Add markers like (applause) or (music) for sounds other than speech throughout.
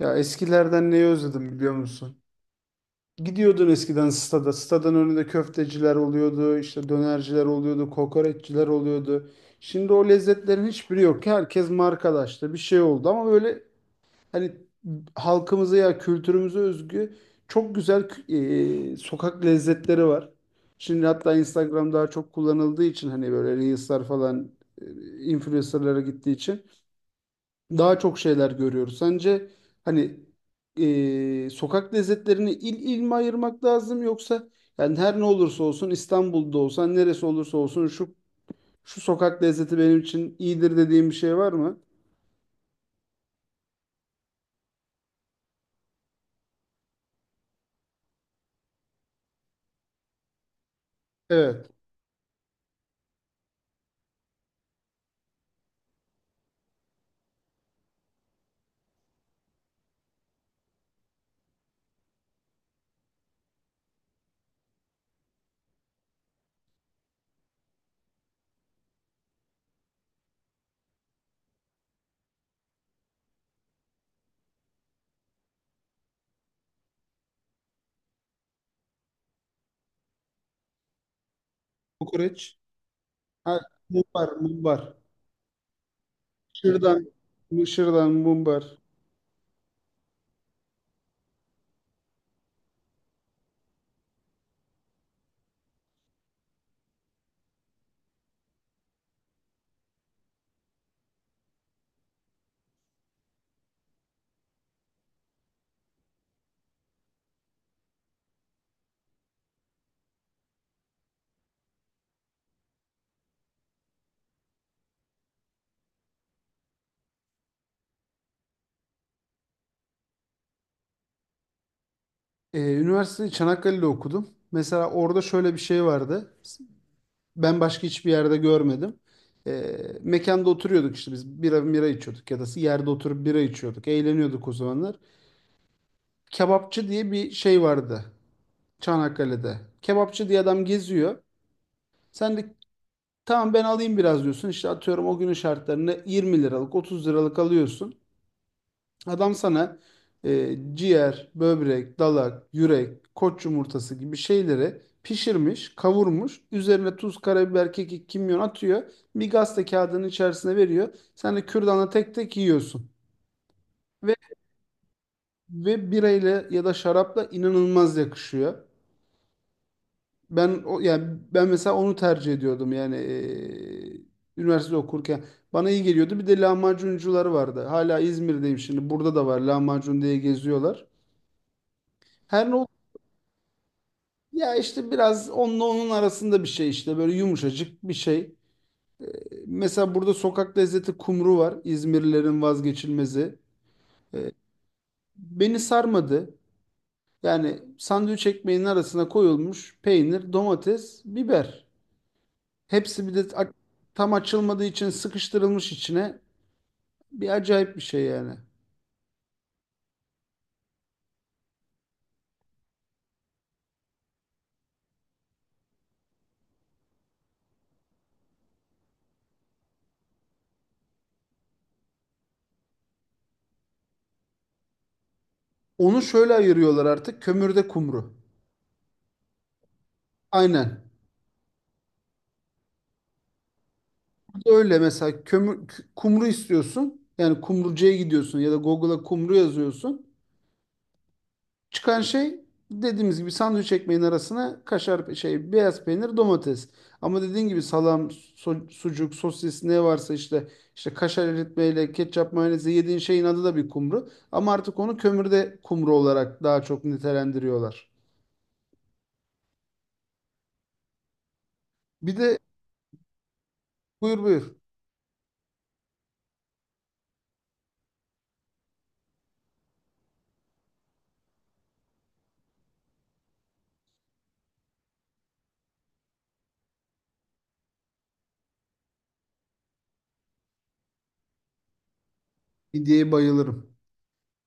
Ya eskilerden neyi özledim biliyor musun? Gidiyordun eskiden stada. Stadan önünde köfteciler oluyordu, işte dönerciler oluyordu, kokoreççiler oluyordu. Şimdi o lezzetlerin hiçbiri yok. Herkes markalaştı. Bir şey oldu ama böyle hani halkımıza ya kültürümüze özgü çok güzel sokak lezzetleri var. Şimdi hatta Instagram daha çok kullanıldığı için hani böyle Reels'lar falan e, influencer'lara gittiği için daha çok şeyler görüyoruz. Sence hani sokak lezzetlerini il il mi ayırmak lazım yoksa yani her ne olursa olsun İstanbul'da olsan neresi olursa olsun şu sokak lezzeti benim için iyidir dediğim bir şey var mı? Evet. Kokoreç. Ha, mumbar, mumbar. Şırdan, şırdan, mumbar. E, üniversiteyi Çanakkale'de okudum. Mesela orada şöyle bir şey vardı. Ben başka hiçbir yerde görmedim. Mekanda oturuyorduk işte biz bira içiyorduk ya da yerde oturup bira içiyorduk. Eğleniyorduk o zamanlar. Kebapçı diye bir şey vardı Çanakkale'de. Kebapçı diye adam geziyor. Sen de tamam ben alayım biraz diyorsun. İşte atıyorum o günün şartlarını 20 liralık 30 liralık alıyorsun. Adam sana ciğer, böbrek, dalak, yürek, koç yumurtası gibi şeyleri pişirmiş, kavurmuş. Üzerine tuz, karabiber, kekik, kimyon atıyor. Bir gazete kağıdının içerisine veriyor. Sen de kürdanla tek tek yiyorsun. Ve ve birayla ya da şarapla inanılmaz yakışıyor. Ben o yani ben mesela onu tercih ediyordum yani üniversite okurken. Bana iyi geliyordu. Bir de lahmacuncular vardı. Hala İzmir'deyim şimdi. Burada da var lahmacun diye geziyorlar. Her ne. Ya işte biraz onunla onun arasında bir şey işte böyle yumuşacık bir şey. E, Mesela burada sokak lezzeti kumru var. İzmirlilerin vazgeçilmezi. E, Beni sarmadı. Yani sandviç ekmeğinin arasına koyulmuş peynir, domates, biber. Hepsi bir de tam açılmadığı için sıkıştırılmış içine. Bir acayip bir şey yani. Onu şöyle ayırıyorlar artık kömürde kumru. Aynen. Öyle mesela kömür, kumru istiyorsun. Yani kumrucuya gidiyorsun ya da Google'a kumru yazıyorsun. Çıkan şey dediğimiz gibi sandviç ekmeğin arasına kaşar şey beyaz peynir domates. Ama dediğin gibi salam, sucuk, sosis ne varsa işte kaşar eritmeyle ketçap mayonezi yediğin şeyin adı da bir kumru. Ama artık onu kömürde kumru olarak daha çok nitelendiriyorlar. Bir de buyur. Midyeye bayılırım.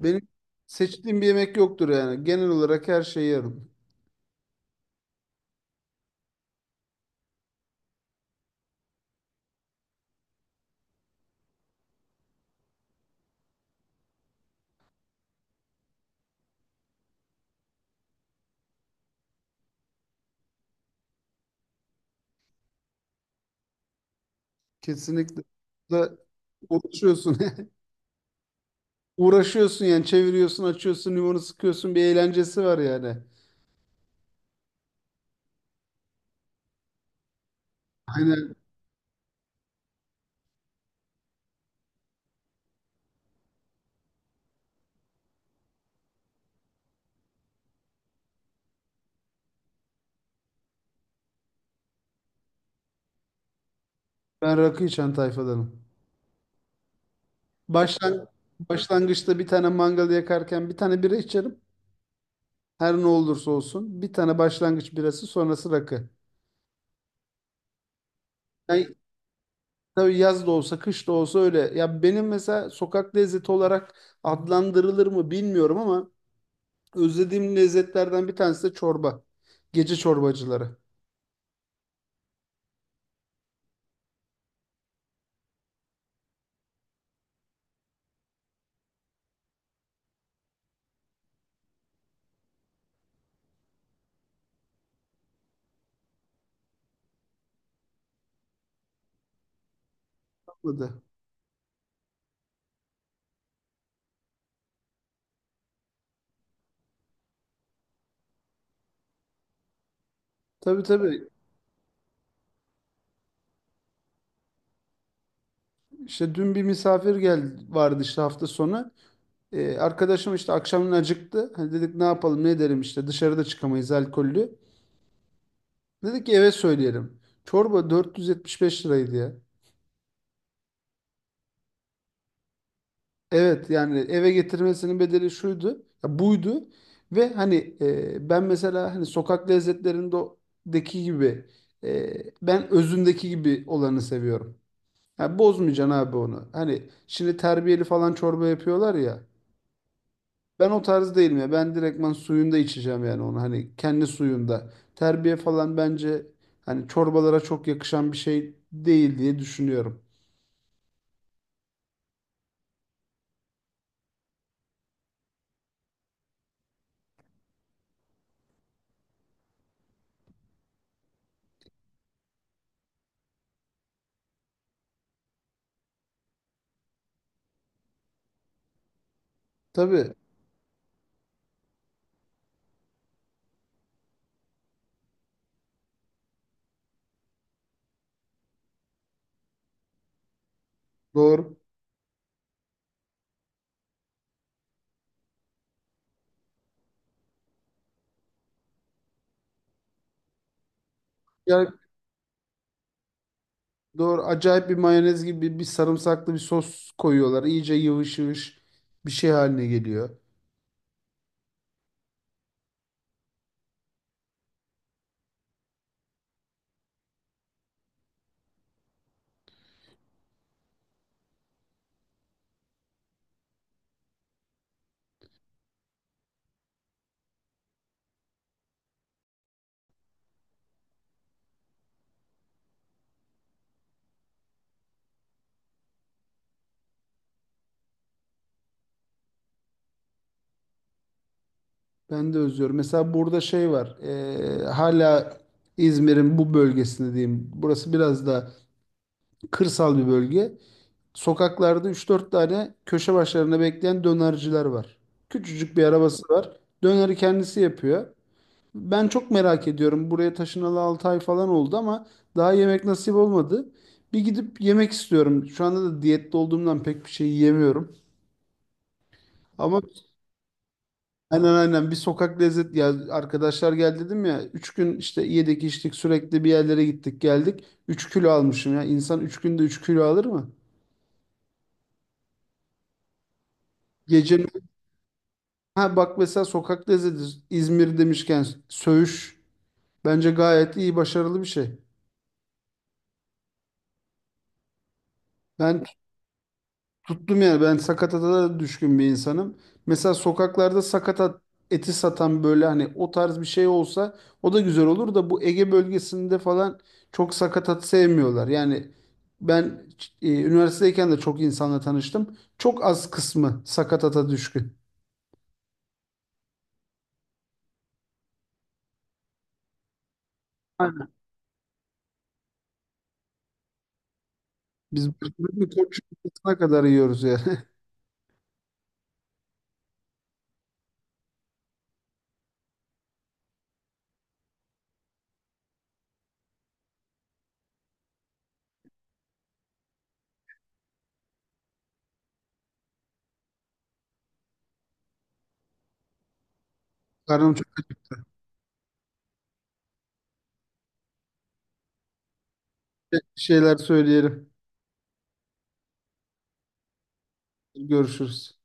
Benim seçtiğim bir yemek yoktur yani. Genel olarak her şeyi yerim. Kesinlikle. Da uğraşıyorsun. (laughs) Uğraşıyorsun yani çeviriyorsun, açıyorsun, limonu sıkıyorsun bir eğlencesi var yani. Aynen, ben rakı içen tayfadanım. Başlan başlangıçta bir tane mangal yakarken bir tane bira içerim. Her ne olursa olsun. Bir tane başlangıç birası sonrası rakı. Yani tabii yaz da olsa kış da olsa öyle. Ya benim mesela sokak lezzeti olarak adlandırılır mı bilmiyorum ama özlediğim lezzetlerden bir tanesi de çorba. Gece çorbacıları. Tabii, tabii. İşte dün bir misafir geldi vardı işte hafta sonu. Arkadaşım işte akşamın acıktı. Hani dedik ne yapalım ne edelim işte dışarıda çıkamayız alkollü. Dedik ki eve söyleyelim. Çorba 475 liraydı ya. Evet yani eve getirmesinin bedeli şuydu ya buydu. Ve hani ben mesela hani sokak lezzetlerindeki gibi e, ben özündeki gibi olanı seviyorum. Ya bozmayacaksın abi onu. Hani şimdi terbiyeli falan çorba yapıyorlar ya. Ben o tarz değilim ya. Ben direktman suyunda içeceğim yani onu. Hani kendi suyunda. Terbiye falan bence hani çorbalara çok yakışan bir şey değil diye düşünüyorum. Tabii, doğru. Ya doğru, acayip bir mayonez gibi bir sarımsaklı bir sos koyuyorlar. İyice yıvış yıvış bir şey haline geliyor. Ben de özlüyorum. Mesela burada şey var. Hala İzmir'in bu bölgesinde diyeyim. Burası biraz da kırsal bir bölge. Sokaklarda üç dört tane köşe başlarında bekleyen dönerciler var. Küçücük bir arabası var. Döneri kendisi yapıyor. Ben çok merak ediyorum. Buraya taşınalı 6 ay falan oldu ama daha yemek nasip olmadı. Bir gidip yemek istiyorum. Şu anda da diyette olduğumdan pek bir şey yiyemiyorum. Ama aynen bir sokak lezzet, ya arkadaşlar geldi dedim ya. 3 gün işte yedik içtik sürekli bir yerlere gittik geldik. 3 kilo almışım ya. İnsan 3 günde 3 kilo alır mı? Gecenin. Ha bak mesela sokak lezzeti İzmir demişken söğüş bence gayet iyi başarılı bir şey. Ben tut- tuttum yani, ben sakatata da düşkün bir insanım. Mesela sokaklarda sakatat eti satan böyle hani o tarz bir şey olsa o da güzel olur da bu Ege bölgesinde falan çok sakatat sevmiyorlar. Yani ben üniversiteyken de çok insanla tanıştım. Çok az kısmı sakatata düşkün. Aynen. Biz bir koç yumurtasına kadar yiyoruz yani. (laughs) Karnım çok acıktı, bir şeyler söyleyelim. Görüşürüz.